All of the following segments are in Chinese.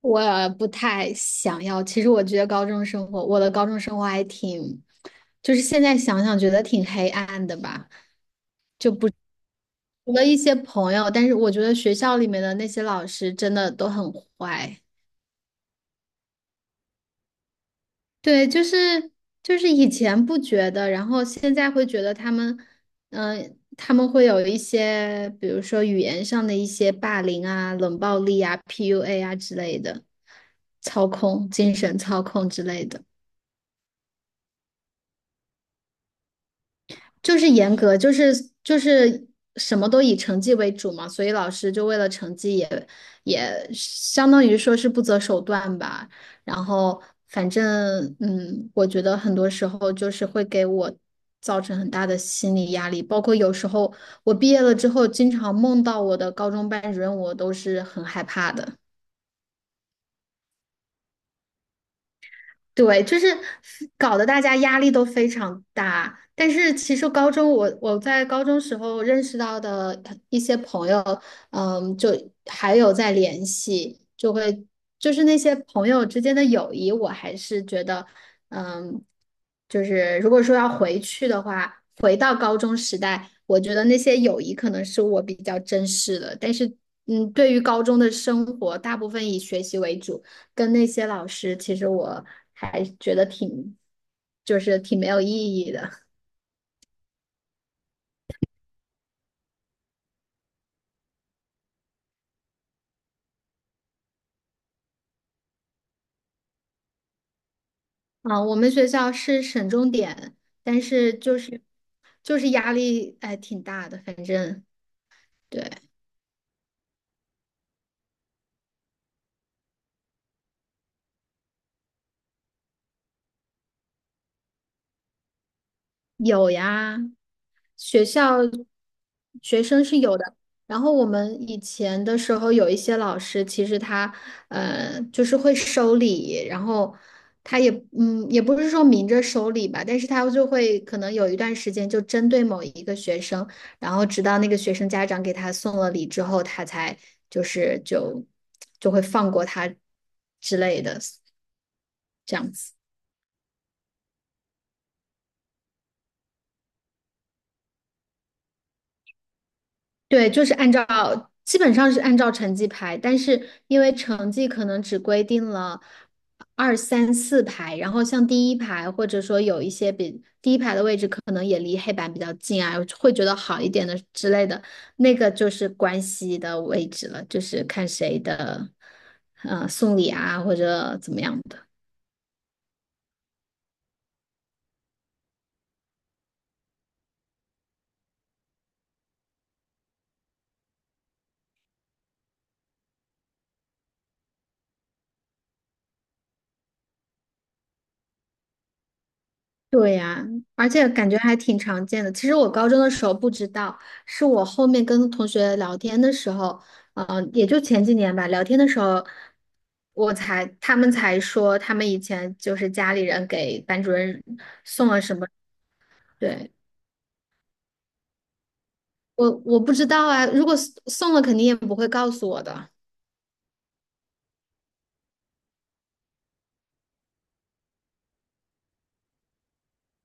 我不太想要。其实我觉得高中生活，我的高中生活就是现在想想觉得挺黑暗的吧。就不除了一些朋友，但是我觉得学校里面的那些老师真的都很坏。对，就是就是以前不觉得，然后现在会觉得他们会有一些，比如说语言上的一些霸凌啊、冷暴力啊、PUA 啊之类的，操控、精神操控之类的。就是严格，就是什么都以成绩为主嘛，所以老师就为了成绩也相当于说是不择手段吧。然后反正,我觉得很多时候就是会给我造成很大的心理压力，包括有时候我毕业了之后，经常梦到我的高中班主任，我都是很害怕的。对，就是搞得大家压力都非常大。但是其实高中我在高中时候认识到的一些朋友，就还有在联系，就是那些朋友之间的友谊，我还是觉得，嗯，就是如果说要回去的话，回到高中时代，我觉得那些友谊可能是我比较珍视的。但是,对于高中的生活，大部分以学习为主。跟那些老师，其实我还觉得挺，就是挺没有意义的。啊，我们学校是省重点，但是就是压力挺大的，反正。对。有呀。学校学生是有的。然后我们以前的时候有一些老师，其实他就是会收礼，然后他也不是说明着收礼吧，但是他就会可能有一段时间就针对某一个学生，然后直到那个学生家长给他送了礼之后，他才就是就就会放过他之类的这样子。对，就是按照基本上是按照成绩排，但是因为成绩可能只规定了二三四排，然后像第一排或者说有一些比第一排的位置可能也离黑板比较近啊，会觉得好一点的之类的，那个就是关系的位置了，就是看谁的送礼啊或者怎么样的。对呀，而且感觉还挺常见的。其实我高中的时候不知道，是我后面跟同学聊天的时候，也就前几年吧，聊天的时候，他们才说他们以前就是家里人给班主任送了什么。对，我不知道啊，如果送了，肯定也不会告诉我的。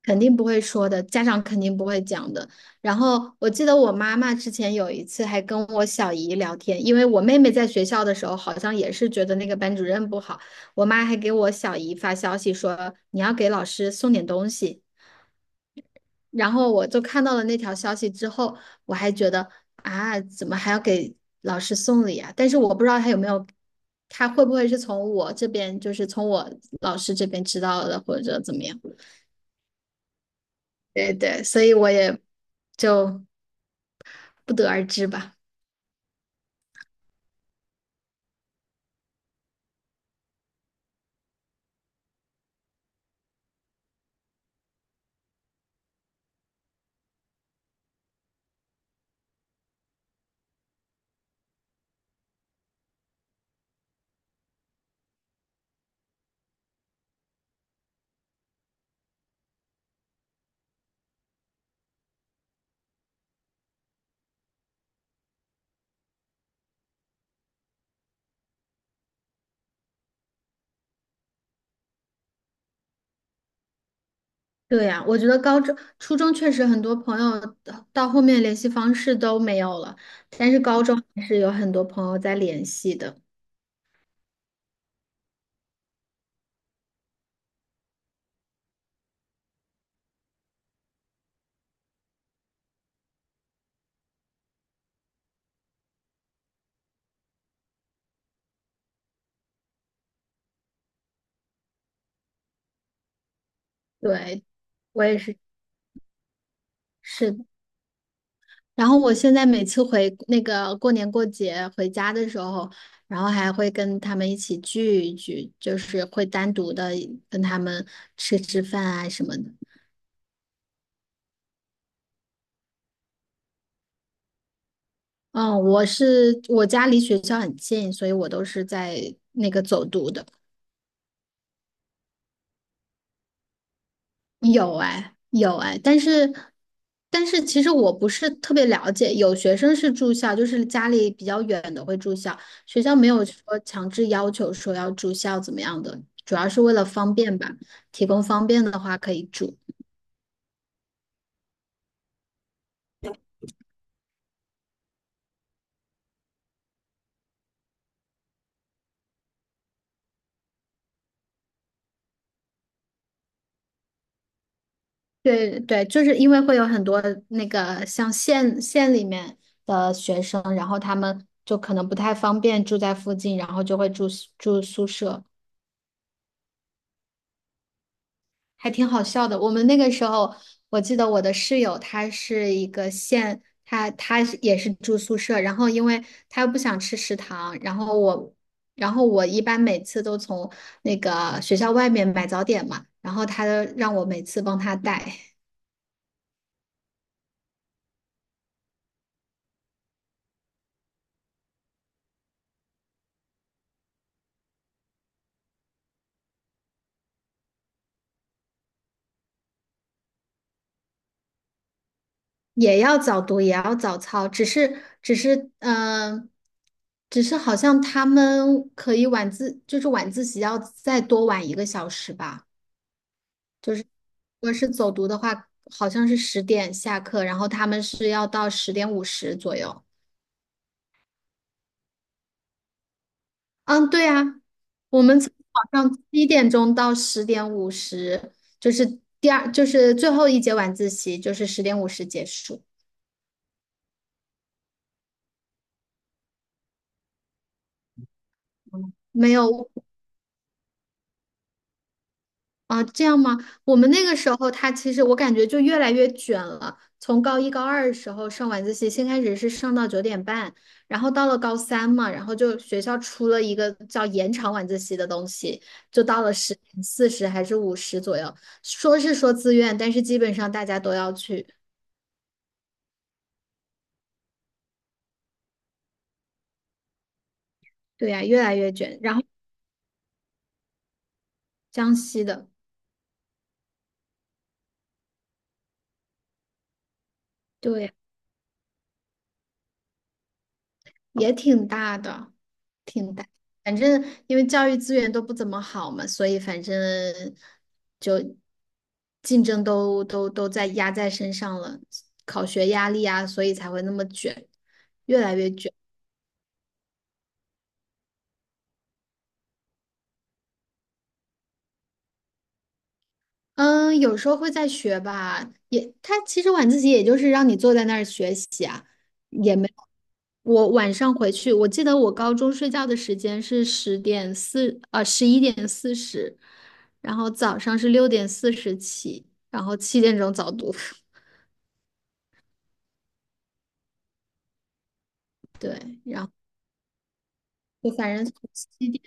肯定不会说的，家长肯定不会讲的。然后我记得我妈妈之前有一次还跟我小姨聊天，因为我妹妹在学校的时候好像也是觉得那个班主任不好，我妈还给我小姨发消息说你要给老师送点东西。然后我就看到了那条消息之后，我还觉得啊，怎么还要给老师送礼啊？但是我不知道他有没有，他会不会是从我这边，就是从我老师这边知道的，或者怎么样。对对，所以我也就不得而知吧。对呀，我觉得高中、初中确实很多朋友到后面联系方式都没有了，但是高中还是有很多朋友在联系的。对，我也是，是的。然后我现在每次回那个过年过节回家的时候，然后还会跟他们一起聚一聚，就是会单独的跟他们吃吃饭啊什么的。嗯，我是我家离学校很近，所以我都是在那个走读的。有哎，有哎，但是其实我不是特别了解，有学生是住校，就是家里比较远的会住校，学校没有说强制要求说要住校怎么样的，主要是为了方便吧，提供方便的话可以住。对对，就是因为会有很多那个像县里面的学生，然后他们就可能不太方便住在附近，然后就会住宿舍，还挺好笑的。我们那个时候，我记得我的室友她是一个县，她是也是住宿舍，然后因为她不想吃食堂，然后我一般每次都从那个学校外面买早点嘛，然后她让我每次帮她带。也要早读，也要早操，只是只是好像他们可以就是晚自习要再多晚1个小时吧。如果是走读的话，好像是十点下课，然后他们是要到十点五十左右。嗯，对啊，我们从早上七点钟到十点五十，就是就是最后一节晚自习，就是十点五十结束。没有。啊，这样吗？我们那个时候，他其实我感觉就越来越卷了。从高一、高二的时候上晚自习，先开始是上到9:30，然后到了高三嘛，然后就学校出了一个叫延长晚自习的东西，就到了10:40还是五十左右。说是说自愿，但是基本上大家都要去。对呀，越来越卷。然后江西的。对。也挺大的，挺大。反正因为教育资源都不怎么好嘛，所以反正就竞争都在压在身上了，考学压力啊，所以才会那么卷，越来越卷。嗯，有时候会在学吧，也他其实晚自习也就是让你坐在那儿学习啊，也没。我晚上回去，我记得我高中睡觉的时间是11:40，然后早上是6:40起，然后七点钟早读，对，然后就反正七点。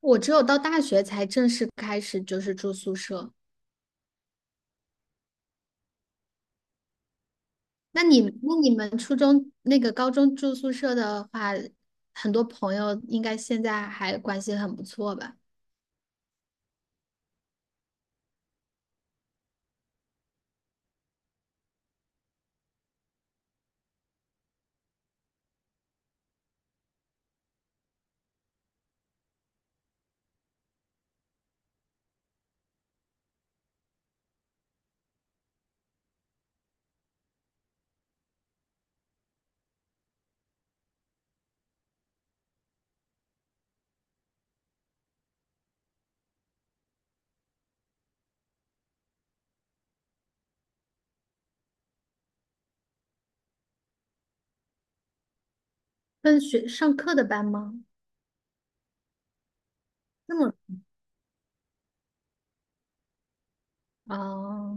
我只有到大学才正式开始就是住宿舍。那你们初中那个高中住宿舍的话，很多朋友应该现在还关系很不错吧？跟学上课的班吗？那么，哦，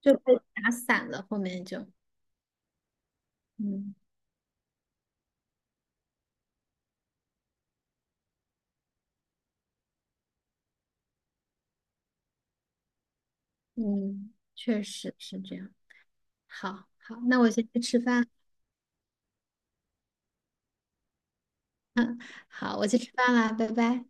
就被打散了，后面就。嗯嗯，确实是这样。好好，那我先去吃饭。好，我去吃饭啦，拜拜。